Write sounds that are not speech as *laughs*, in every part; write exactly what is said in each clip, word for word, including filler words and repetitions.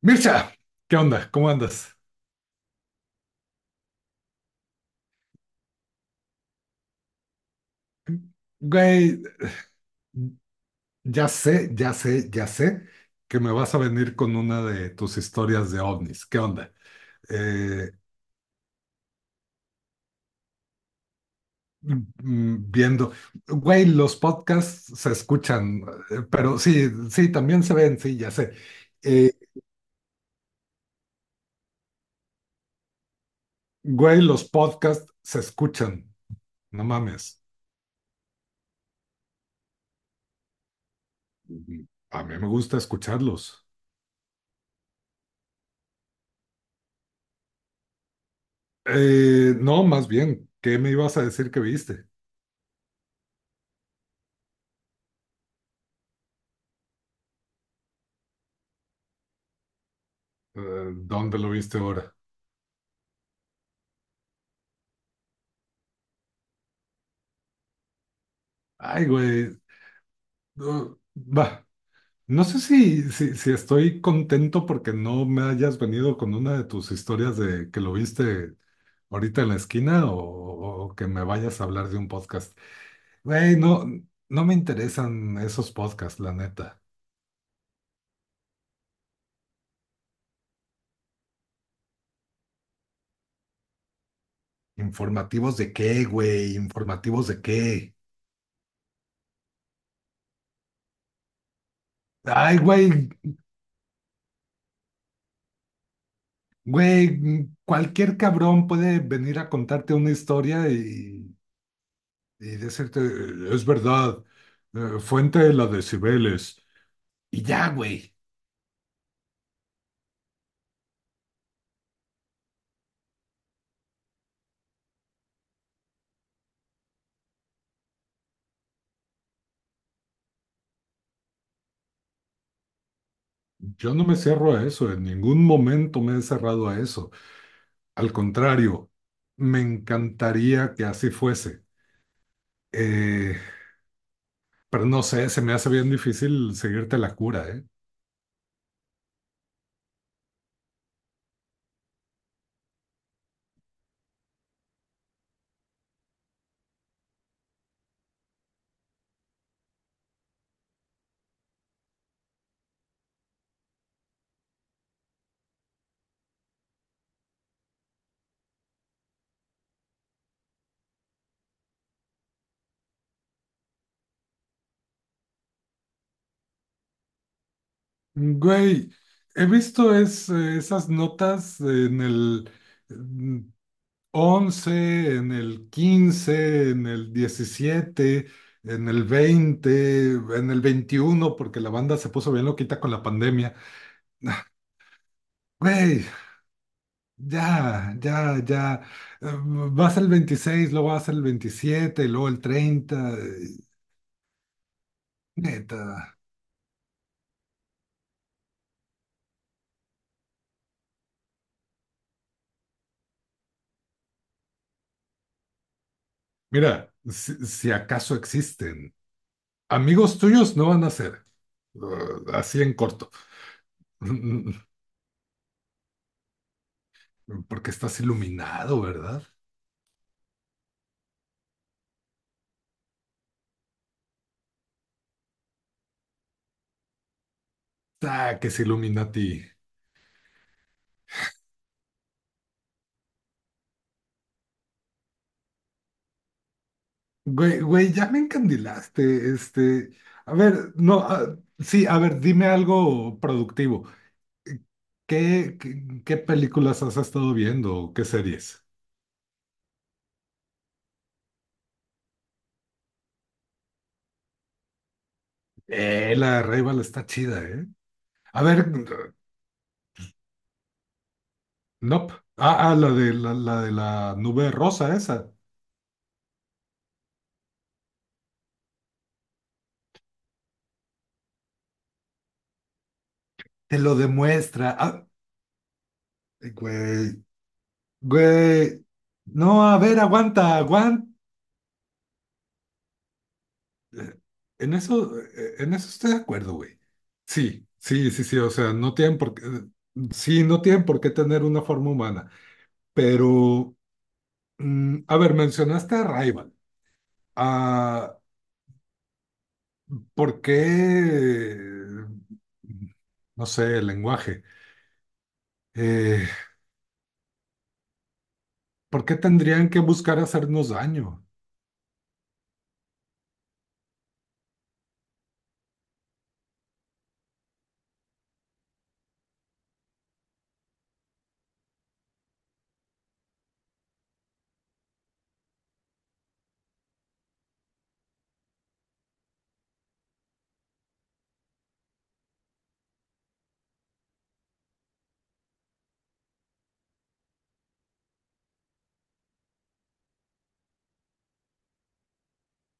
Mircha, ¿qué onda? ¿Cómo andas? Güey, ya sé, ya sé, ya sé que me vas a venir con una de tus historias de ovnis. ¿Qué onda? Eh, mm, mm, Viendo, güey, los podcasts se escuchan. Eh, pero sí, sí, también se ven, sí, ya sé. Eh, Güey, los podcasts se escuchan, no mames. Ujú. A mí me gusta escucharlos. Eh, no, más bien, ¿qué me ibas a decir que viste? Eh, ¿dónde lo viste ahora? Ay, güey, no, va, no sé si, si, si estoy contento porque no me hayas venido con una de tus historias de que lo viste ahorita en la esquina o, o- o que me vayas a hablar de un podcast. Güey, no, no me interesan esos podcasts, la neta. ¿Informativos de qué, güey? ¿Informativos de qué? Ay, güey, güey, mm, cualquier cabrón puede venir a contarte una historia y, y decirte, es verdad, eh, fuente de la de Cibeles. Y ya, güey. Yo no me cierro a eso, en ningún momento me he cerrado a eso. Al contrario, me encantaría que así fuese. Eh, pero no sé, se me hace bien difícil seguirte la cura, ¿eh? Güey, he visto es- esas notas en el mm, once, en el quince, en el diecisiete, en el veinte, en el veintiuno, porque la banda se puso bien loquita con la pandemia. Güey, ya, ya, ya. Eh, Vas al veintiséis, luego vas al veintisiete, luego el treinta. eh, Neta. Mira, si, si acaso existen, amigos tuyos no van a ser. Uh, así en corto. *laughs* Porque estás iluminado, ¿verdad? Ah, que se ilumina a ti. Güey, güey, ya me encandilaste. Este, a ver, no, ah, sí, a ver, dime algo productivo. ¿Qué, qué, qué películas has estado viendo? ¿Qué series? Eh, la Rival está chida, ¿eh? A ver, nope. Ah, ah, la de la, la de la nube rosa esa. Te lo demuestra. Ah, güey, güey. No, a ver, aguanta, aguanta. En eso, eh, en eso estoy de acuerdo, güey. Sí, sí, sí, sí. O sea, no tienen por qué, eh, sí, no tienen por qué tener una forma humana. Pero, mm, a ver, mencionaste a Rival. Ah, ¿por qué, no sé, el lenguaje? Eh, ¿Por qué tendrían que buscar hacernos daño?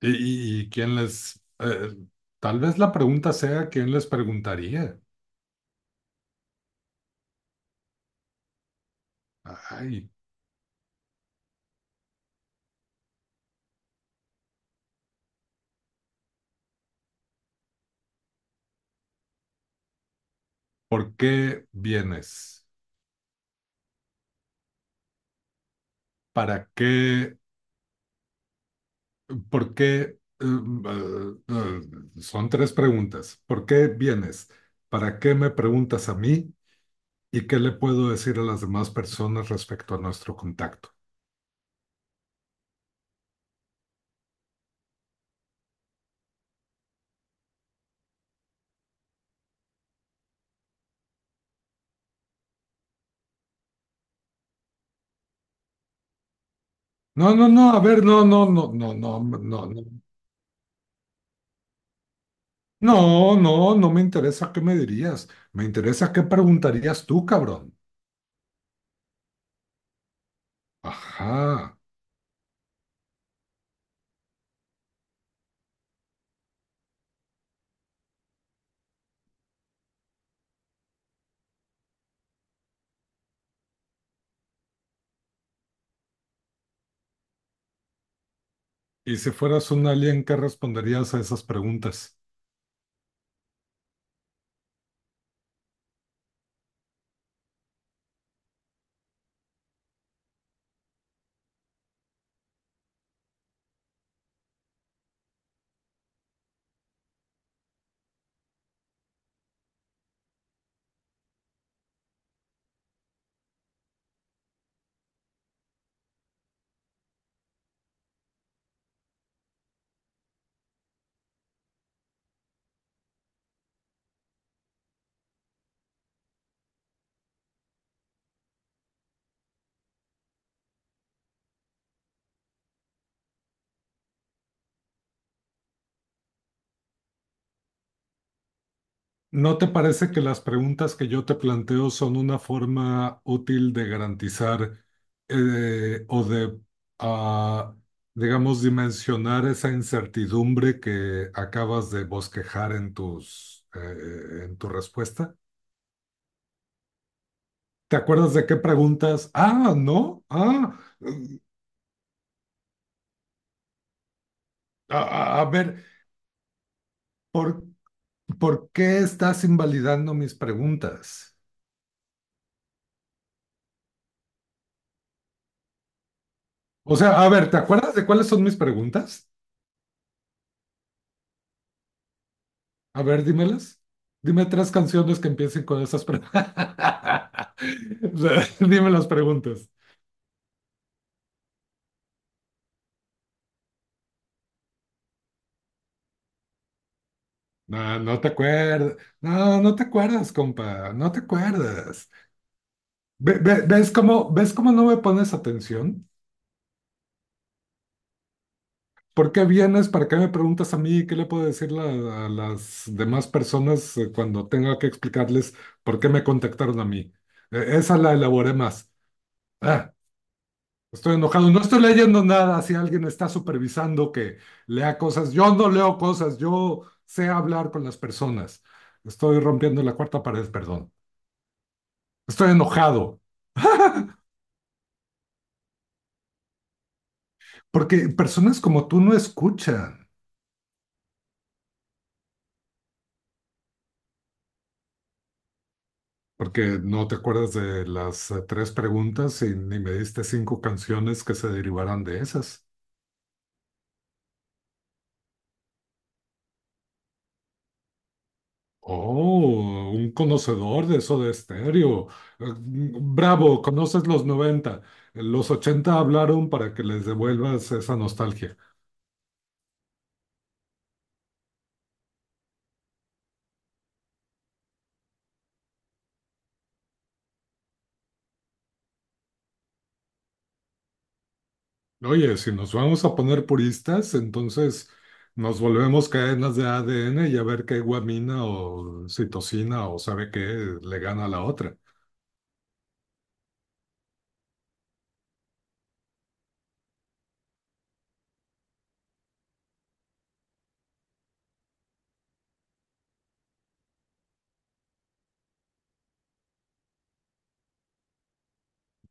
Y, y- y quién les, eh, tal vez la pregunta sea quién les preguntaría. Ay, ¿por qué vienes? ¿Para qué? ¿Por qué? Eh, eh, eh, son tres preguntas. ¿Por qué vienes? ¿Para qué me preguntas a mí? ¿Y qué le puedo decir a las demás personas respecto a nuestro contacto? No, no, no, a ver, no, no, no, no, no, no, no, no, no, no me interesa qué me dirías, me interesa qué preguntarías tú, cabrón. Ajá. Y si fueras un alien, ¿qué responderías a esas preguntas? ¿No te parece que las preguntas que yo te planteo son una forma útil de garantizar, eh, o de, ah, digamos, dimensionar esa incertidumbre que acabas de bosquejar en tus, eh, en tu respuesta? ¿Te acuerdas de qué preguntas? Ah, no, ah, mm, a, a- a ver. ¿Por, por qué estás invalidando mis preguntas? O sea, a ver, ¿te acuerdas de cuáles son mis preguntas? A ver, dímelas. Dime tres canciones que empiecen con esas preguntas. *laughs* Dime las preguntas. No, no te acuerdas. No, no te acuerdas, compa. No te acuerdas. Ve- ve- ¿Ves cómo, ves cómo no me pones atención? ¿Por qué vienes? ¿Para qué me preguntas a mí? ¿Qué le puedo decir la- a las demás personas, eh, cuando tenga que explicarles por qué me contactaron a mí? Eh, esa la elaboré más. Ah, estoy enojado. No estoy leyendo nada si alguien está supervisando que lea cosas. Yo no leo cosas. Yo sé hablar con las personas. Estoy rompiendo la cuarta pared, perdón. Estoy enojado porque personas como tú no escuchan. Porque no te acuerdas de las eh, tres preguntas y ni me diste cinco canciones que se derivaran de esas. Oh, un conocedor de eso de estéreo. Eh, mm, Bravo, conoces los noventa. Los ochenta hablaron para que les devuelvas esa nostalgia. Oye, si nos vamos a poner puristas, entonces nos volvemos cadenas de A D N y a ver qué guamina o citosina o sabe qué le gana a la otra.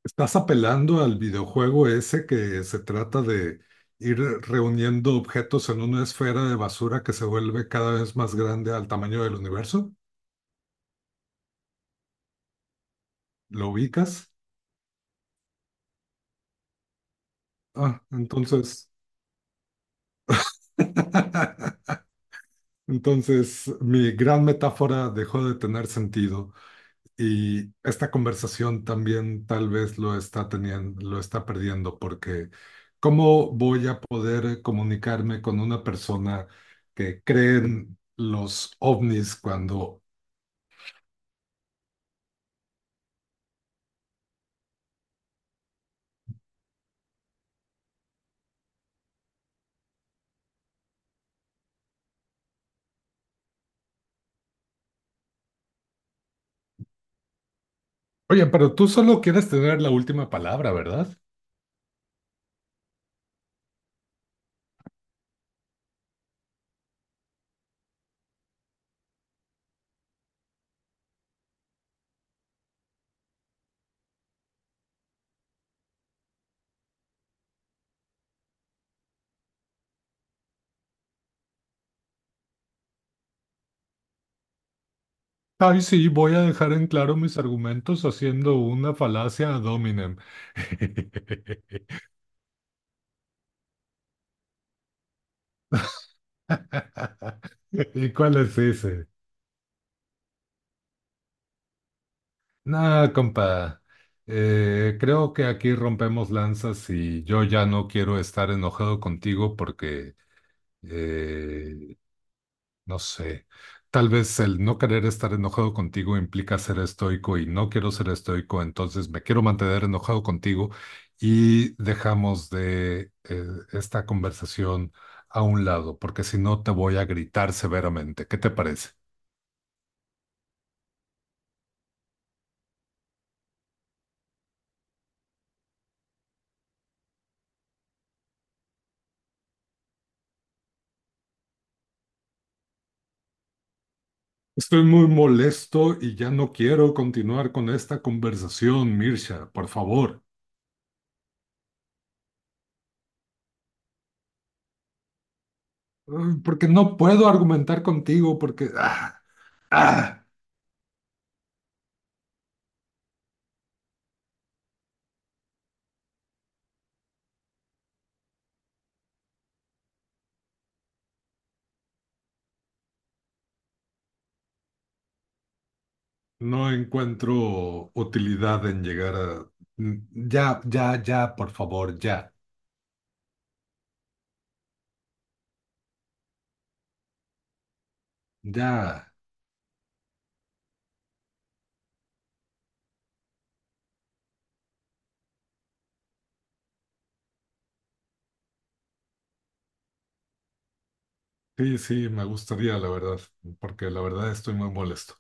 Estás apelando al videojuego ese que se trata de ir reuniendo objetos en una esfera de basura que se vuelve cada vez más grande al tamaño del universo. ¿Lo ubicas? Ah, entonces, *laughs* entonces mi gran metáfora dejó de tener sentido. Y esta conversación también tal vez lo está teniendo, lo está perdiendo, porque ¿cómo voy a poder comunicarme con una persona que cree en los ovnis cuando, oye, pero tú solo quieres tener la última palabra, ¿verdad? Ay, sí, voy a dejar en claro mis argumentos haciendo una falacia ad hominem. *laughs* ¿Y cuál es ese? Nah, compa, eh, creo que aquí rompemos lanzas y yo ya no quiero estar enojado contigo porque, eh, no sé, tal vez el no querer estar enojado contigo implica ser estoico y no quiero ser estoico, entonces me quiero mantener enojado contigo y dejamos de eh, esta conversación a un lado, porque si no te voy a gritar severamente. ¿Qué te parece? Estoy muy molesto y ya no quiero continuar con esta conversación, Mirsha, por favor. Mm, Porque no puedo argumentar contigo porque ah, ah, no encuentro utilidad en llegar a... Mm, Ya, ya, ya, por favor, ya, ya. Sí, sí, me gustaría, la verdad, porque la verdad estoy muy molesto.